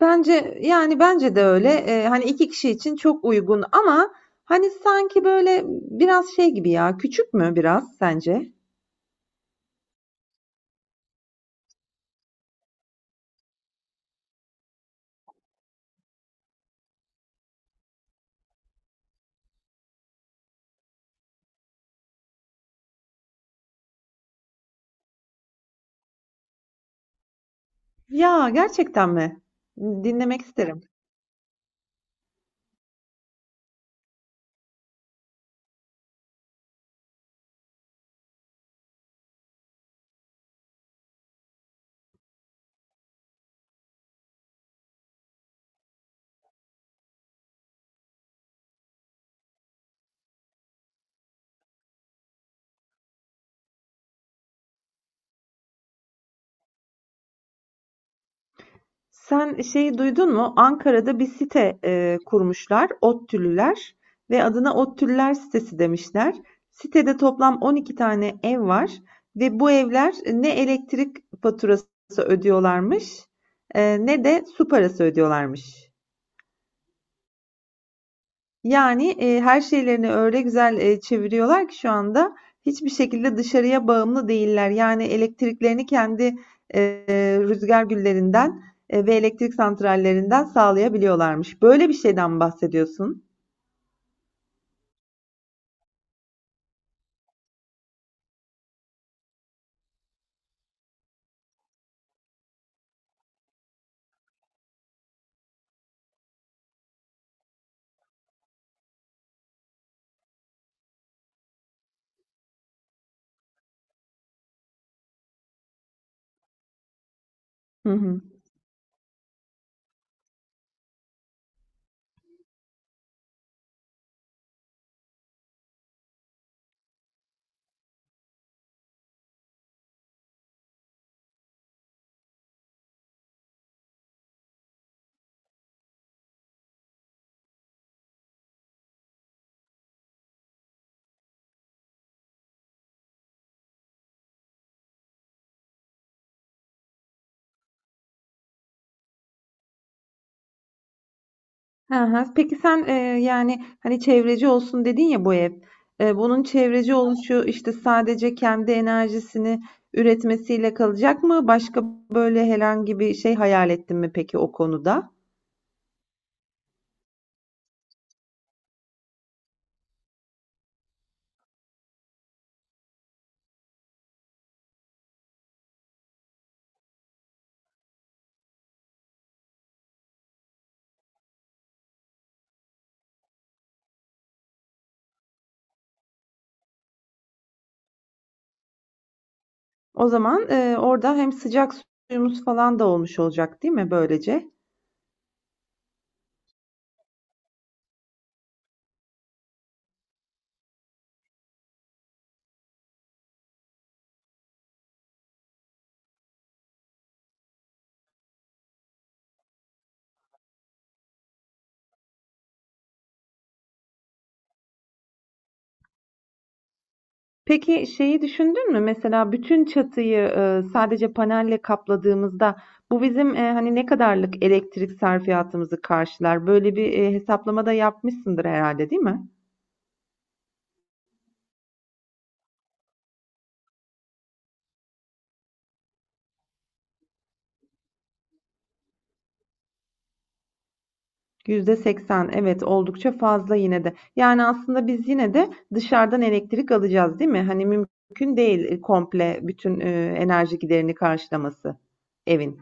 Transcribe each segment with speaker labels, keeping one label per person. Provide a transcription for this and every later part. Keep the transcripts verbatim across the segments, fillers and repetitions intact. Speaker 1: Bence yani bence de öyle. Eee, hani iki kişi için çok uygun ama hani sanki böyle biraz şey gibi ya. Küçük mü biraz sence? Ya gerçekten mi? Dinlemek isterim. Sen şeyi duydun mu? Ankara'da bir site e, kurmuşlar, ODTÜ'lüler ve adına ODTÜ'lüler sitesi demişler. Sitede toplam on iki tane ev var ve bu evler ne elektrik faturası ödüyorlarmış, e, ne de su parası ödüyorlarmış. Yani, eee, her şeylerini öyle güzel, eee, çeviriyorlar ki şu anda hiçbir şekilde dışarıya bağımlı değiller. Yani elektriklerini kendi, eee, rüzgâr güllerinden, eee, ve elektrik santrallerinden sağlayabiliyorlarmış. Böyle bir şeyden mi bahsediyorsun? Hı hı. Hı hı. Peki sen, eee, yani, hani, çevreci olsun dedin ya bu ev. Eee, bunun çevreci oluşu, işte, sadece kendi enerjisini üretmesiyle kalacak mı? Başka böyle herhangi bir şey hayal ettin mi peki o konuda? O zaman, eee, orada hem sıcak suyumuz falan da olmuş olacak, değil mi böylece? Peki şeyi düşündün mü? Mesela bütün çatıyı e, sadece panelle kapladığımızda bu bizim e, hani ne kadarlık elektrik sarfiyatımızı karşılar? Böyle bir e, hesaplama da yapmışsındır herhalde, değil mi? yüzde seksen, evet, oldukça fazla yine de. Yani aslında biz yine de dışarıdan elektrik alacağız, değil mi? Hani mümkün değil e, komple bütün e, enerji giderini karşılaması evin.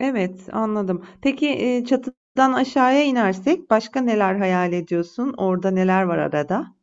Speaker 1: Evet, anladım. Peki, eee, çatıdan aşağıya inersek başka neler hayal ediyorsun? Orada neler var arada?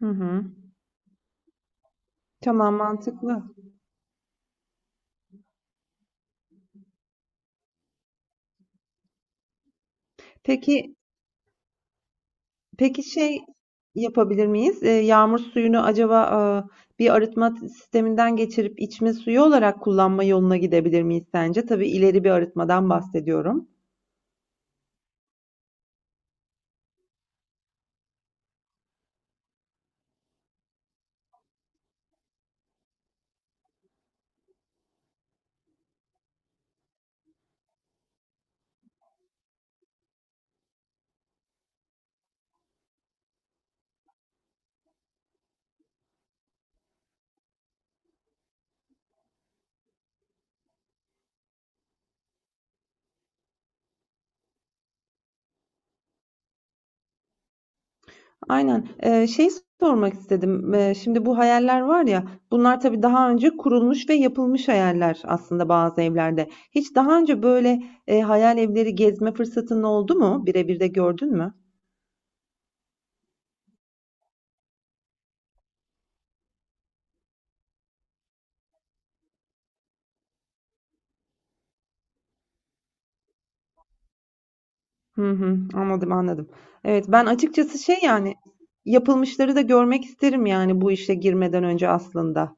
Speaker 1: Hı hı. Tamam, mantıklı. Peki peki şey yapabilir miyiz? Eee, yağmur suyunu acaba, aaa, bir arıtma sisteminden geçirip içme suyu olarak kullanma yoluna gidebilir miyiz sence? Tabii ileri bir arıtmadan bahsediyorum. Aynen. Ee, şey sormak istedim. Ee, şimdi bu hayaller var ya, bunlar tabii daha önce kurulmuş ve yapılmış hayaller aslında bazı evlerde. Hiç daha önce böyle e, hayal evleri gezme fırsatın oldu mu? Birebir de gördün mü? Hı hı, anladım, anladım. Evet, ben açıkçası şey yani yapılmışları da görmek isterim yani bu işe girmeden önce aslında.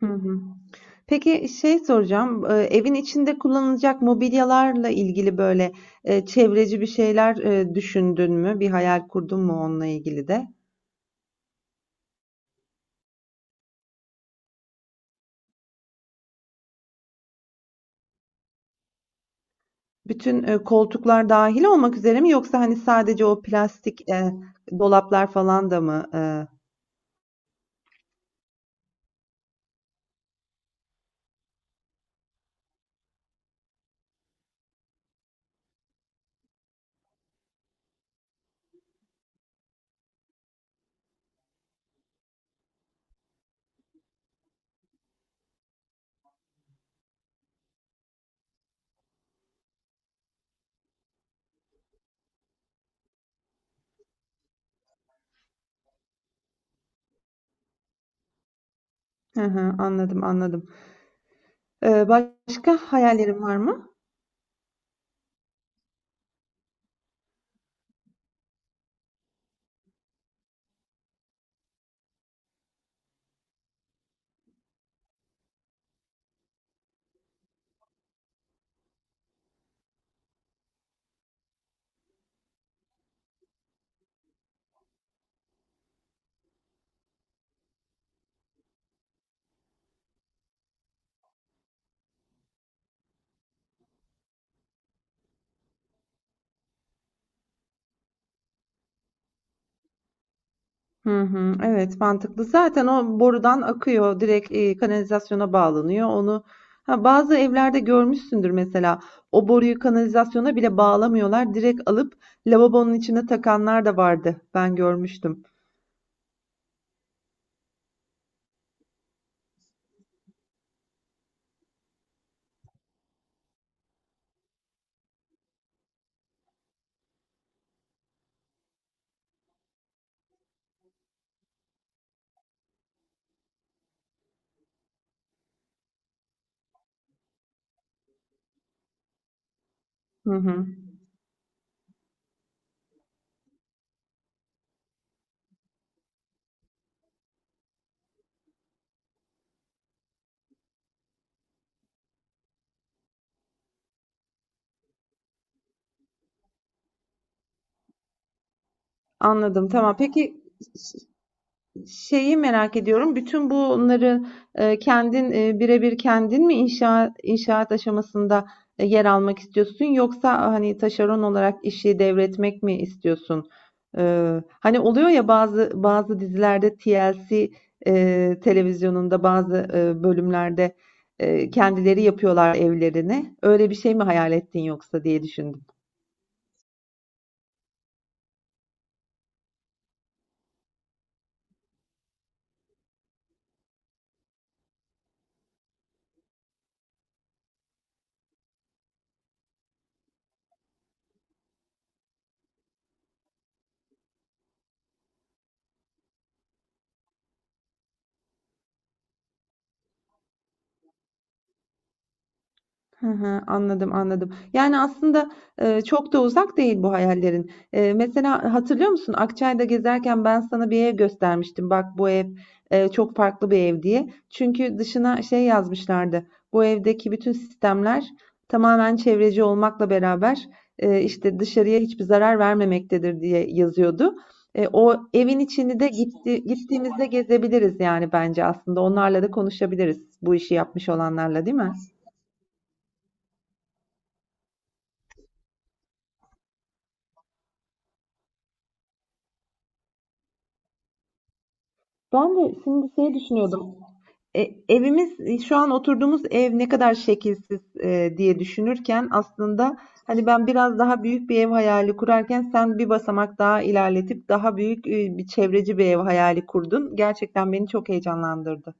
Speaker 1: Hı hı. Peki şey soracağım, eee, evin içinde kullanılacak mobilyalarla ilgili böyle, eee, çevreci bir şeyler, eee, düşündün mü? Bir hayal kurdun mu onunla ilgili de? Bütün, eee, koltuklar dâhil olmak üzere mi yoksa, hani, sadece o plastik, eee, dolaplar falan da mı? Eee Hı hı, anladım, anladım. Eee, başka hayallerin var mı? Hı hı, evet, mantıklı. Zaten o borudan akıyor, direkt e, kanalizasyona bağlanıyor. Onu ha, bazı evlerde görmüşsündür. Mesela o boruyu kanalizasyona bile bağlamıyorlar. Direkt alıp lavabonun içine takanlar da vardı. Ben görmüştüm. Hı hı. Anladım. Tamam. Peki, şeyi merak ediyorum. Bütün bunları, eee, kendin, eee, birebir kendin mi inşa inşaat aşamasında, eee, yer almak istiyorsun yoksa, hani, taşeron olarak işi devretmek mi istiyorsun? Eee, hani, oluyor ya bazı bazı dizilerde T L C, eee, televizyonunda bazı, eee, bölümlerde, eee, kendileri yapıyorlar evlerini. Öyle bir şey mi hayal ettin yoksa diye düşündüm. Hı hı, anladım, anladım. Yani aslında, eee, çok da uzak değil bu hayallerin. Eee, mesela hatırlıyor musun? Akçay'da gezerken ben sana bir ev göstermiştim. Bak bu ev, eee, çok farklı bir ev diye. Çünkü dışına şey yazmışlardı. Bu evdeki bütün sistemler tamamen çevreci olmakla beraber, eee, işte dışarıya hiçbir zarar vermemektedir diye yazıyordu. Eee, o evin içini de gitti gittiğimizde gezebiliriz yani bence aslında. Onlarla da konuşabiliriz bu işi yapmış olanlarla, değil mi? Düşünüyordum. E, evimiz e, şu an oturduğumuz ev ne kadar şekilsiz e, diye düşünürken aslında hani ben biraz daha büyük bir ev hayali kurarken sen bir basamak daha ilerletip daha büyük e, bir çevreci bir ev hayali kurdun. Gerçekten beni çok heyecanlandırdı.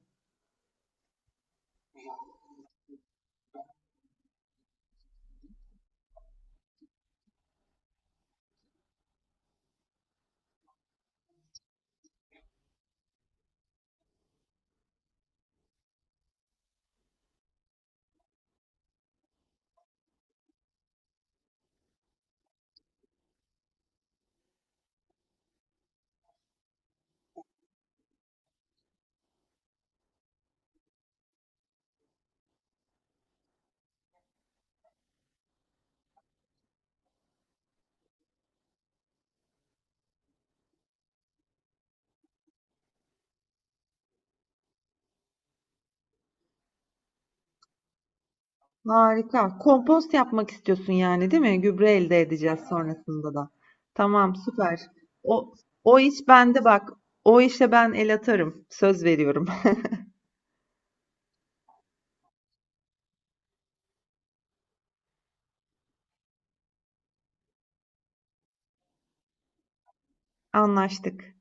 Speaker 1: Harika. Kompost yapmak istiyorsun yani, değil mi? Gübre elde edeceğiz sonrasında da. Tamam, süper. O o iş bende bak. O işe ben el atarım. Söz veriyorum. Anlaştık.